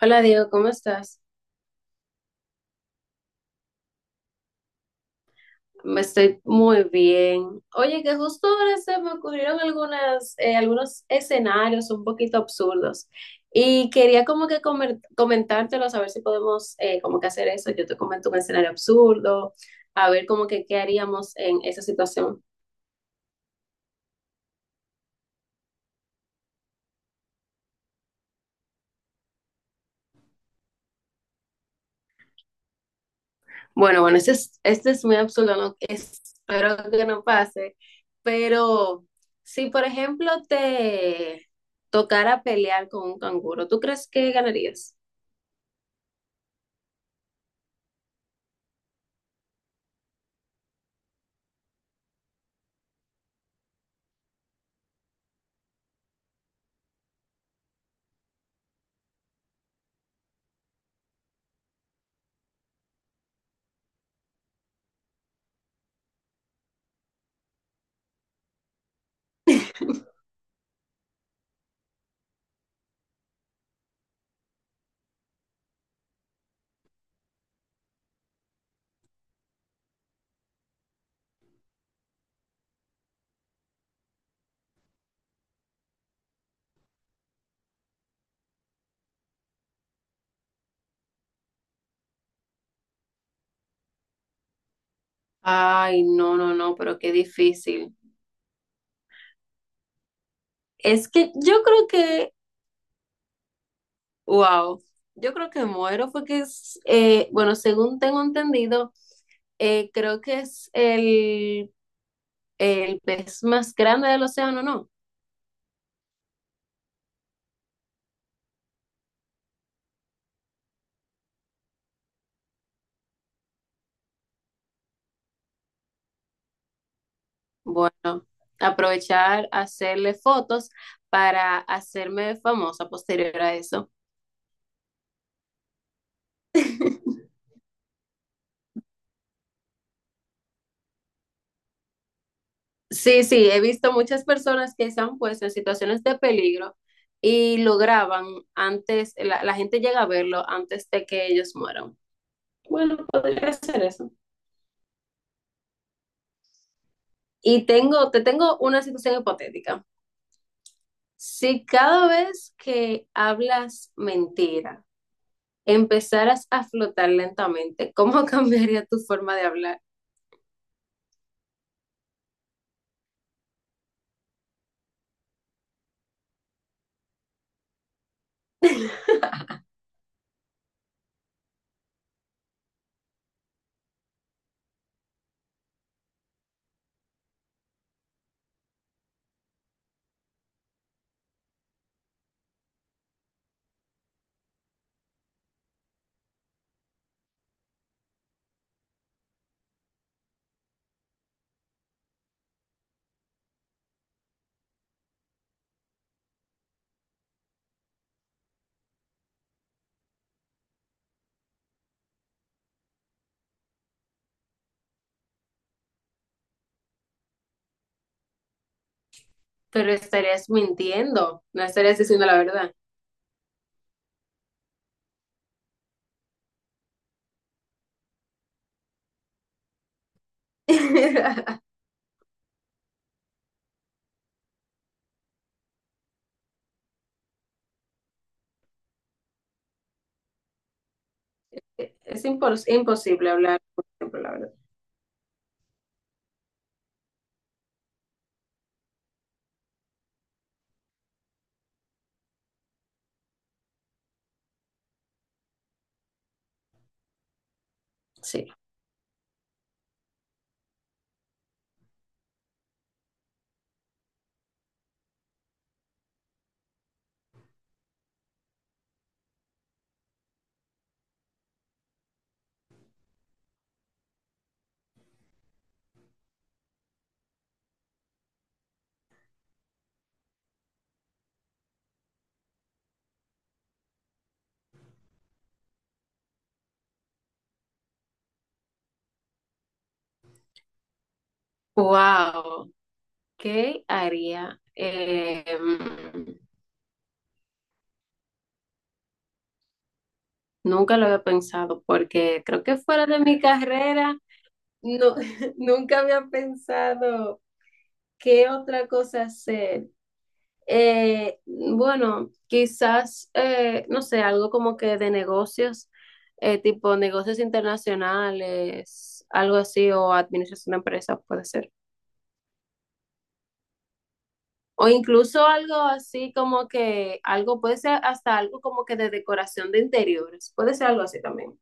Hola Diego, ¿cómo estás? Me estoy muy bien. Oye, que justo ahora se me ocurrieron algunas, algunos escenarios un poquito absurdos y quería como que comentártelos, a ver si podemos como que hacer eso. Yo te comento un escenario absurdo, a ver como que qué haríamos en esa situación. Bueno, este es muy absurdo, espero que no pase, pero si por ejemplo te tocara pelear con un canguro, ¿tú crees que ganarías? Ay, no, no, no, pero qué difícil. Es que yo creo que, wow, yo creo que muero porque es, bueno, según tengo entendido, creo que es el pez más grande del océano, ¿no? Bueno, aprovechar, hacerle fotos para hacerme famosa posterior a eso. Sí, sí, he visto muchas personas que se han puesto en situaciones de peligro y lo graban antes, la gente llega a verlo antes de que ellos mueran. Bueno, podría ser eso. Y te tengo una situación hipotética. Si cada vez que hablas mentira, empezaras a flotar lentamente, ¿cómo cambiaría tu forma de hablar? Pero estarías mintiendo, no estarías diciendo la verdad. Es imposible hablar, por ejemplo, la verdad. Sí. Wow, ¿qué haría? Nunca lo había pensado porque creo que fuera de mi carrera. No, nunca había pensado qué otra cosa hacer. Bueno, quizás, no sé, algo como que de negocios, tipo negocios internacionales, algo así, o administración de empresas puede ser. O incluso algo así como que, algo puede ser hasta algo como que de decoración de interiores, puede ser algo así también.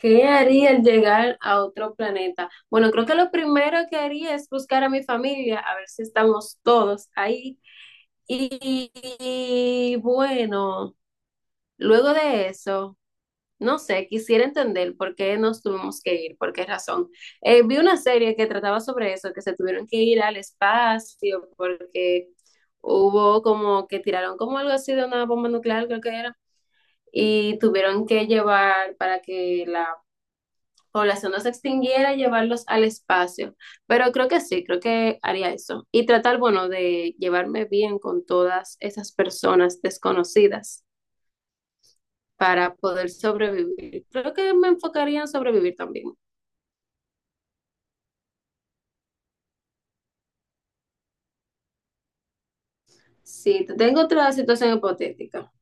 ¿Qué haría al llegar a otro planeta? Bueno, creo que lo primero que haría es buscar a mi familia, a ver si estamos todos ahí. Y, y bueno, luego de eso, no sé, quisiera entender por qué nos tuvimos que ir, por qué razón. Vi una serie que trataba sobre eso, que se tuvieron que ir al espacio porque hubo como que tiraron como algo así de una bomba nuclear, creo que era, y tuvieron que llevar para que la población no se extinguiera, llevarlos al espacio. Pero creo que sí, creo que haría eso. Y tratar, bueno, de llevarme bien con todas esas personas desconocidas para poder sobrevivir. Creo que me enfocaría en sobrevivir también. Sí, tengo otra situación hipotética.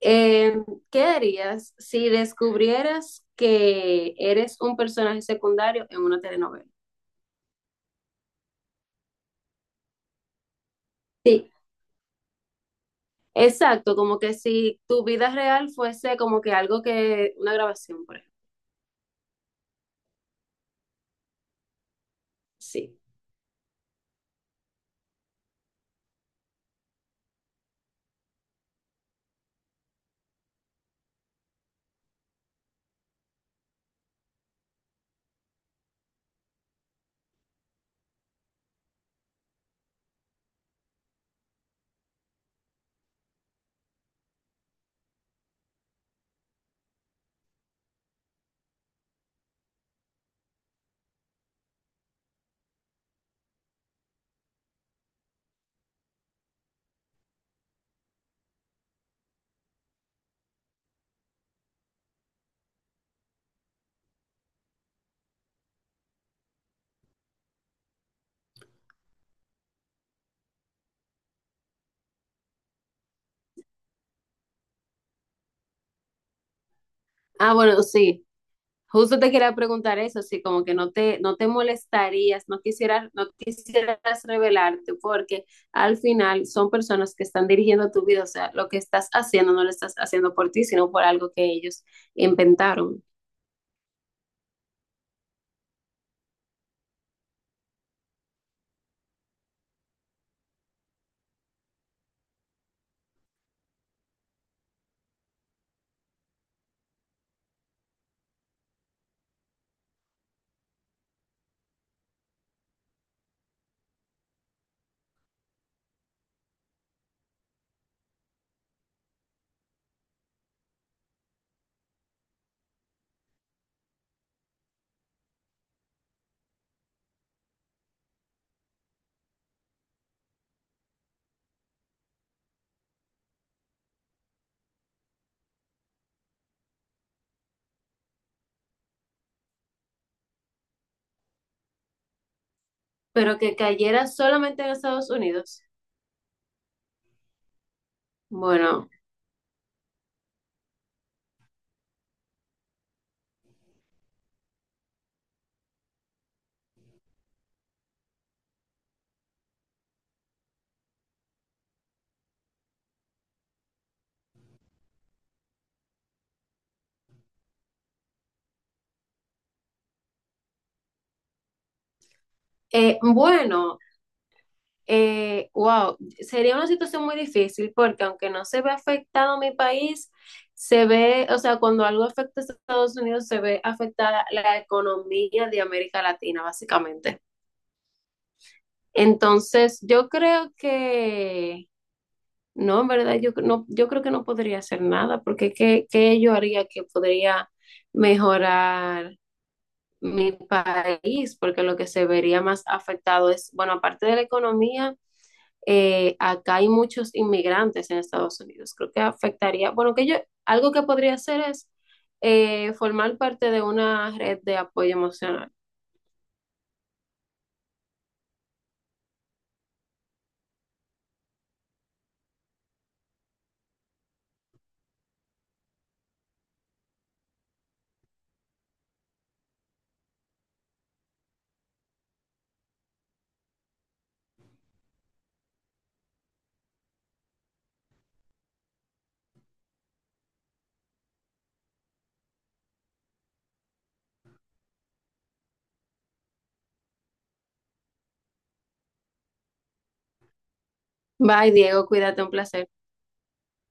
Eh, ¿Qué harías si descubrieras que eres un personaje secundario en una telenovela? Sí, exacto, como que si tu vida real fuese como que algo que una grabación, por ejemplo. Sí. Ah, bueno, sí. Justo te quería preguntar eso, sí, como que no te, no te molestarías, no quisieras, no quisieras revelarte, porque al final son personas que están dirigiendo tu vida, o sea, lo que estás haciendo no lo estás haciendo por ti, sino por algo que ellos inventaron. Pero que cayera solamente en Estados Unidos. Bueno, bueno. Wow, sería una situación muy difícil porque aunque no se ve afectado mi país, se ve, o sea, cuando algo afecta a Estados Unidos, se ve afectada la economía de América Latina, básicamente. Entonces, yo creo que, no, en verdad, yo, no, yo creo que no podría hacer nada porque ¿qué, qué yo haría que podría mejorar mi país? Porque lo que se vería más afectado es, bueno, aparte de la economía acá hay muchos inmigrantes en Estados Unidos. Creo que afectaría, bueno, que yo, algo que podría hacer es formar parte de una red de apoyo emocional. Bye, Diego, cuídate, un placer.